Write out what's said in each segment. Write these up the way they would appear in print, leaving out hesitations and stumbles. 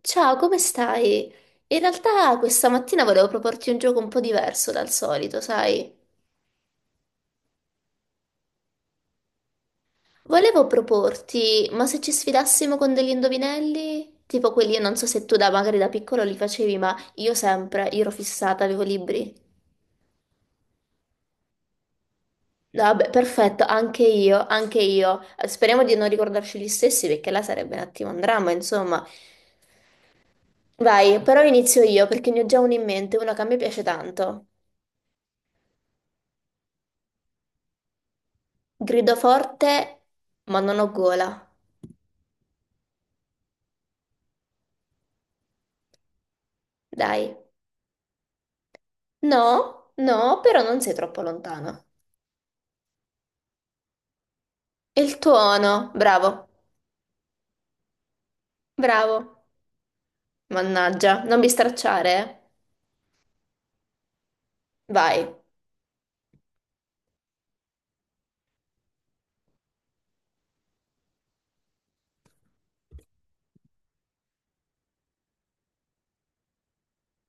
Ciao, come stai? In realtà questa mattina volevo proporti un gioco un po' diverso dal solito, sai? Volevo proporti, ma se ci sfidassimo con degli indovinelli? Tipo quelli, io non so se tu da magari da piccolo li facevi, ma io sempre, io ero fissata, avevo libri. No, vabbè, perfetto, anche io, anche io. Speriamo di non ricordarci gli stessi perché là sarebbe un attimo un dramma, insomma. Vai, però inizio io perché ne ho già uno in mente, uno che a me piace tanto. Grido forte, ma non ho gola. Dai. No, no, però non sei troppo lontana. E il tuono, bravo, bravo. Mannaggia, non mi stracciare, eh. Vai.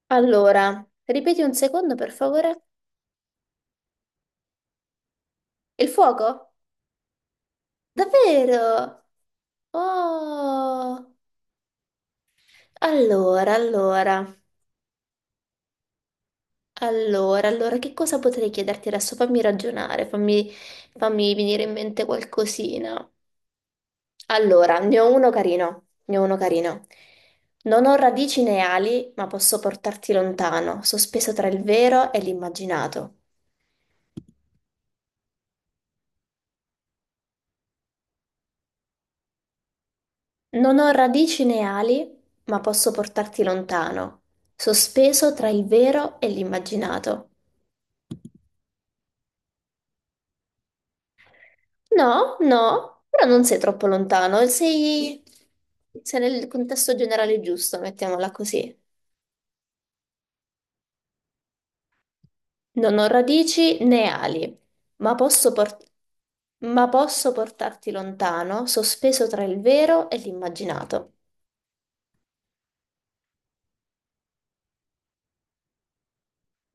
Allora, ripeti un secondo, per favore. Il fuoco? Davvero? Oh. Allora, allora, allora, che cosa potrei chiederti adesso? Fammi ragionare, fammi venire in mente qualcosina. Allora, ne ho uno carino. Non ho radici né ali, ma posso portarti lontano, sospeso tra il vero e l'immaginato. Non ho radici né ali, ma posso portarti lontano, sospeso tra il vero e l'immaginato. No, no, però non sei troppo lontano, sei nel contesto generale giusto, mettiamola così. Non ho radici né ali, ma posso portarti... Ma posso portarti lontano, sospeso tra il vero e l'immaginato.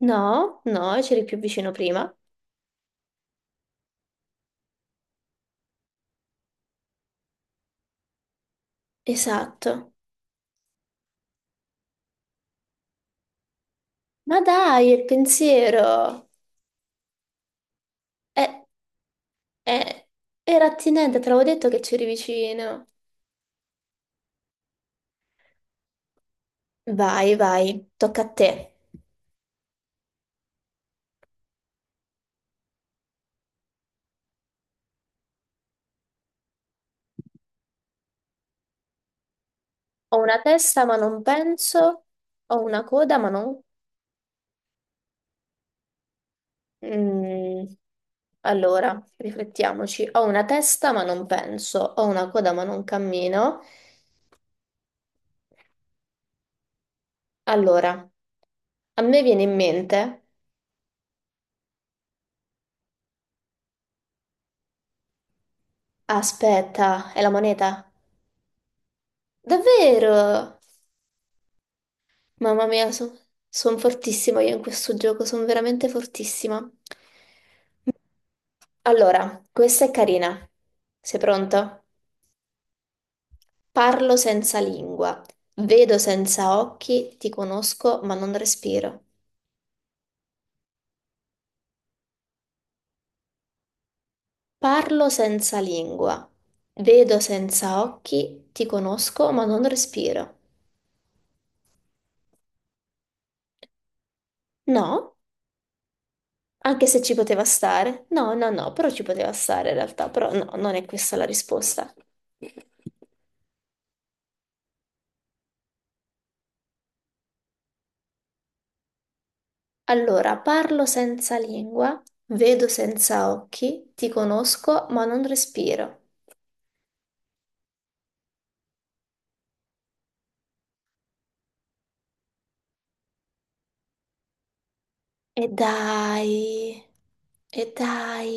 No, no, c'eri più vicino prima. Esatto. Ma dai, il pensiero. Eh, eh, era attinente, te l'avevo detto che c'eri vicino. Vai, vai, tocca a te. Ho una testa ma non penso, ho una coda ma non... Mm, allora, riflettiamoci. Ho una testa ma non penso, ho una coda ma non cammino. Allora, a me viene in mente... Aspetta, è la moneta? Davvero? Mamma mia, sono fortissima io in questo gioco, sono veramente fortissima. Allora, questa è carina. Sei pronto? Parlo senza lingua, vedo senza occhi, ti conosco ma non respiro. Parlo senza lingua, vedo senza occhi, ti conosco ma non respiro. No? Anche se ci poteva stare? No, no, no, però ci poteva stare in realtà, però no, non è questa la risposta. Allora, parlo senza lingua, vedo senza occhi, ti conosco ma non respiro. E dai, e dai.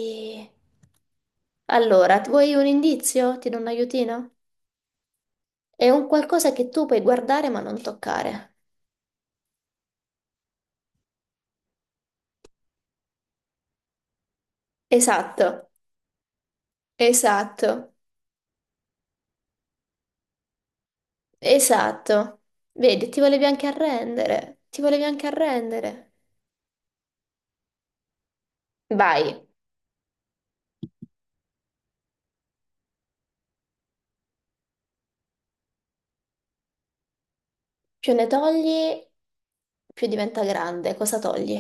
Allora, vuoi un indizio? Ti do un aiutino? È un qualcosa che tu puoi guardare ma non toccare. Esatto, esatto, esatto. Vedi, ti volevi anche arrendere, ti volevi anche arrendere. Vai, più ne togli, più diventa grande. Cosa togli?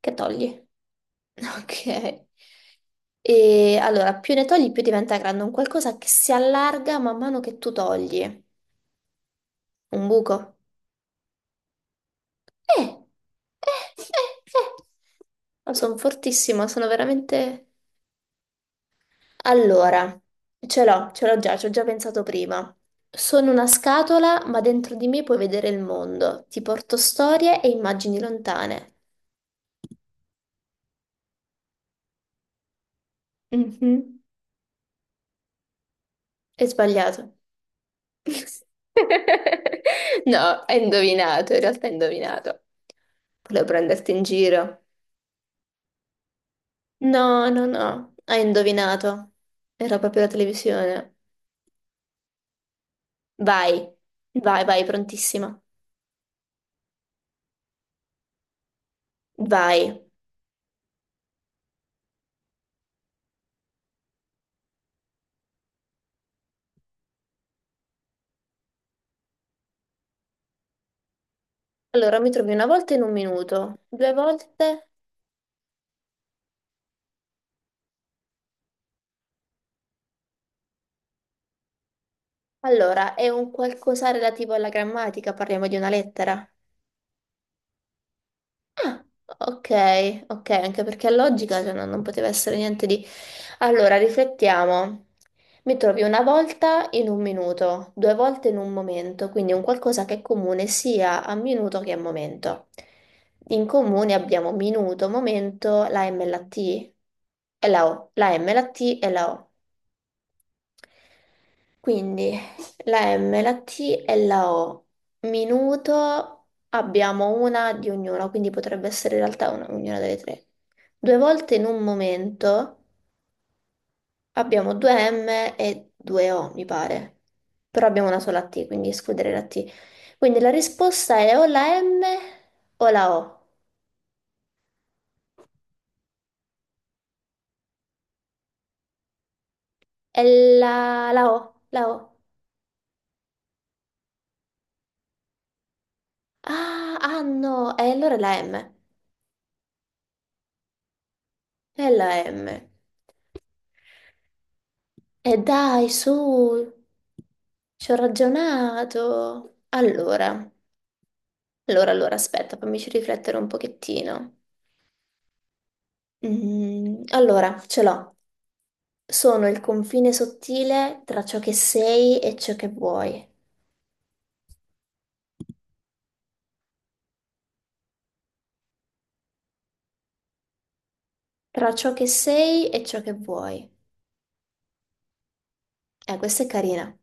Che togli? Ok. E allora, più ne togli, più diventa grande. Un qualcosa che si allarga man mano che tu togli. Un buco. Eh, eh, eh, eh. Oh, sono fortissima, sono veramente... Allora, ce l'ho già, ci ho già pensato prima. Sono una scatola, ma dentro di me puoi vedere il mondo. Ti porto storie e immagini lontane. Mhm. È sbagliato. No, hai indovinato, in realtà hai indovinato. Volevo prenderti in giro. No, no, no, hai indovinato. Era proprio la televisione. Vai, vai, prontissima. Vai. Allora, mi trovi una volta in un minuto, due volte. Allora, è un qualcosa relativo alla grammatica, parliamo di una lettera. Ok, ok, anche perché è logica, cioè, no- non poteva essere niente di... Allora, riflettiamo. Mi trovi una volta in un minuto, due volte in un momento, quindi un qualcosa che è comune sia a minuto che a momento. In comune abbiamo minuto, momento, la M e la T e la O, la M, la T e la O. Quindi la M, la T e la O. Minuto abbiamo una di ognuna, quindi potrebbe essere in realtà ognuna delle tre. Due volte in un momento abbiamo due M e due O, mi pare. Però abbiamo una sola T, quindi escludere la T. Quindi la risposta è o la M o la O. È la O. Ah, no, e allora è la M. È la M. E dai, su, ci ho ragionato. Allora, aspetta, fammici riflettere un pochettino. Mm, allora, ce l'ho. Sono il confine sottile tra ciò che sei e ciò che vuoi. Tra ciò che sei e ciò che vuoi. Questa è carina.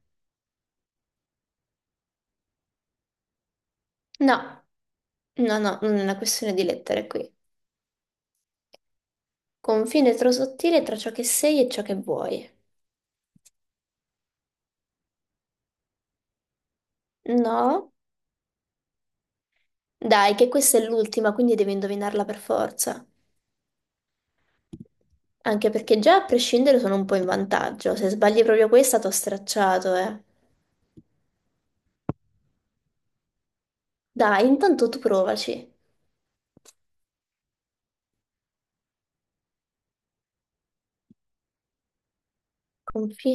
No, no, no, non è una questione di lettere qui. Confine tro sottile tra ciò che sei e ciò che vuoi. No? Dai, che questa è l'ultima, quindi devi indovinarla per forza. Anche perché già a prescindere sono un po' in vantaggio. Se sbagli proprio questa, t'ho stracciato, eh. Dai, intanto tu provaci. Confi?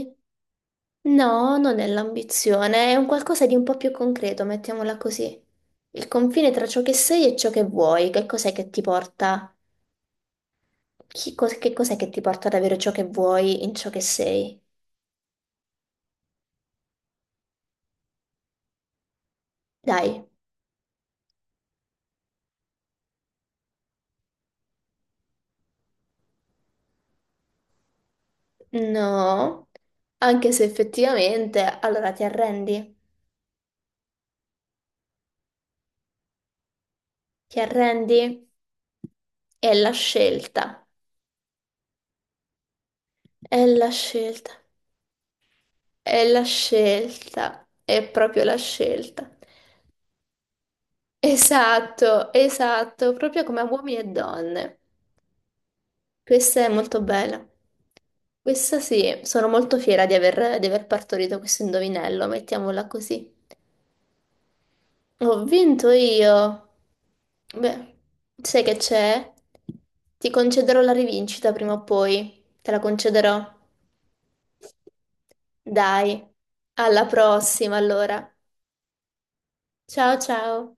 No, non è l'ambizione, è un qualcosa di un po' più concreto, mettiamola così. Il confine tra ciò che sei e ciò che vuoi, che cos'è che ti porta? Che cos'è che ti porta ad avere ciò che vuoi in ciò che sei? Dai, no. Anche se effettivamente, allora ti arrendi? Ti arrendi? È la scelta. È la scelta. È la scelta, è proprio la scelta. Esatto, esatto, proprio come uomini e donne. Questa è molto bella. Questa sì, sono molto fiera di aver partorito questo indovinello, mettiamola così. Ho vinto io. Beh, sai che c'è? Ti concederò la rivincita prima o poi. Te la concederò. Dai, alla prossima allora. Ciao ciao.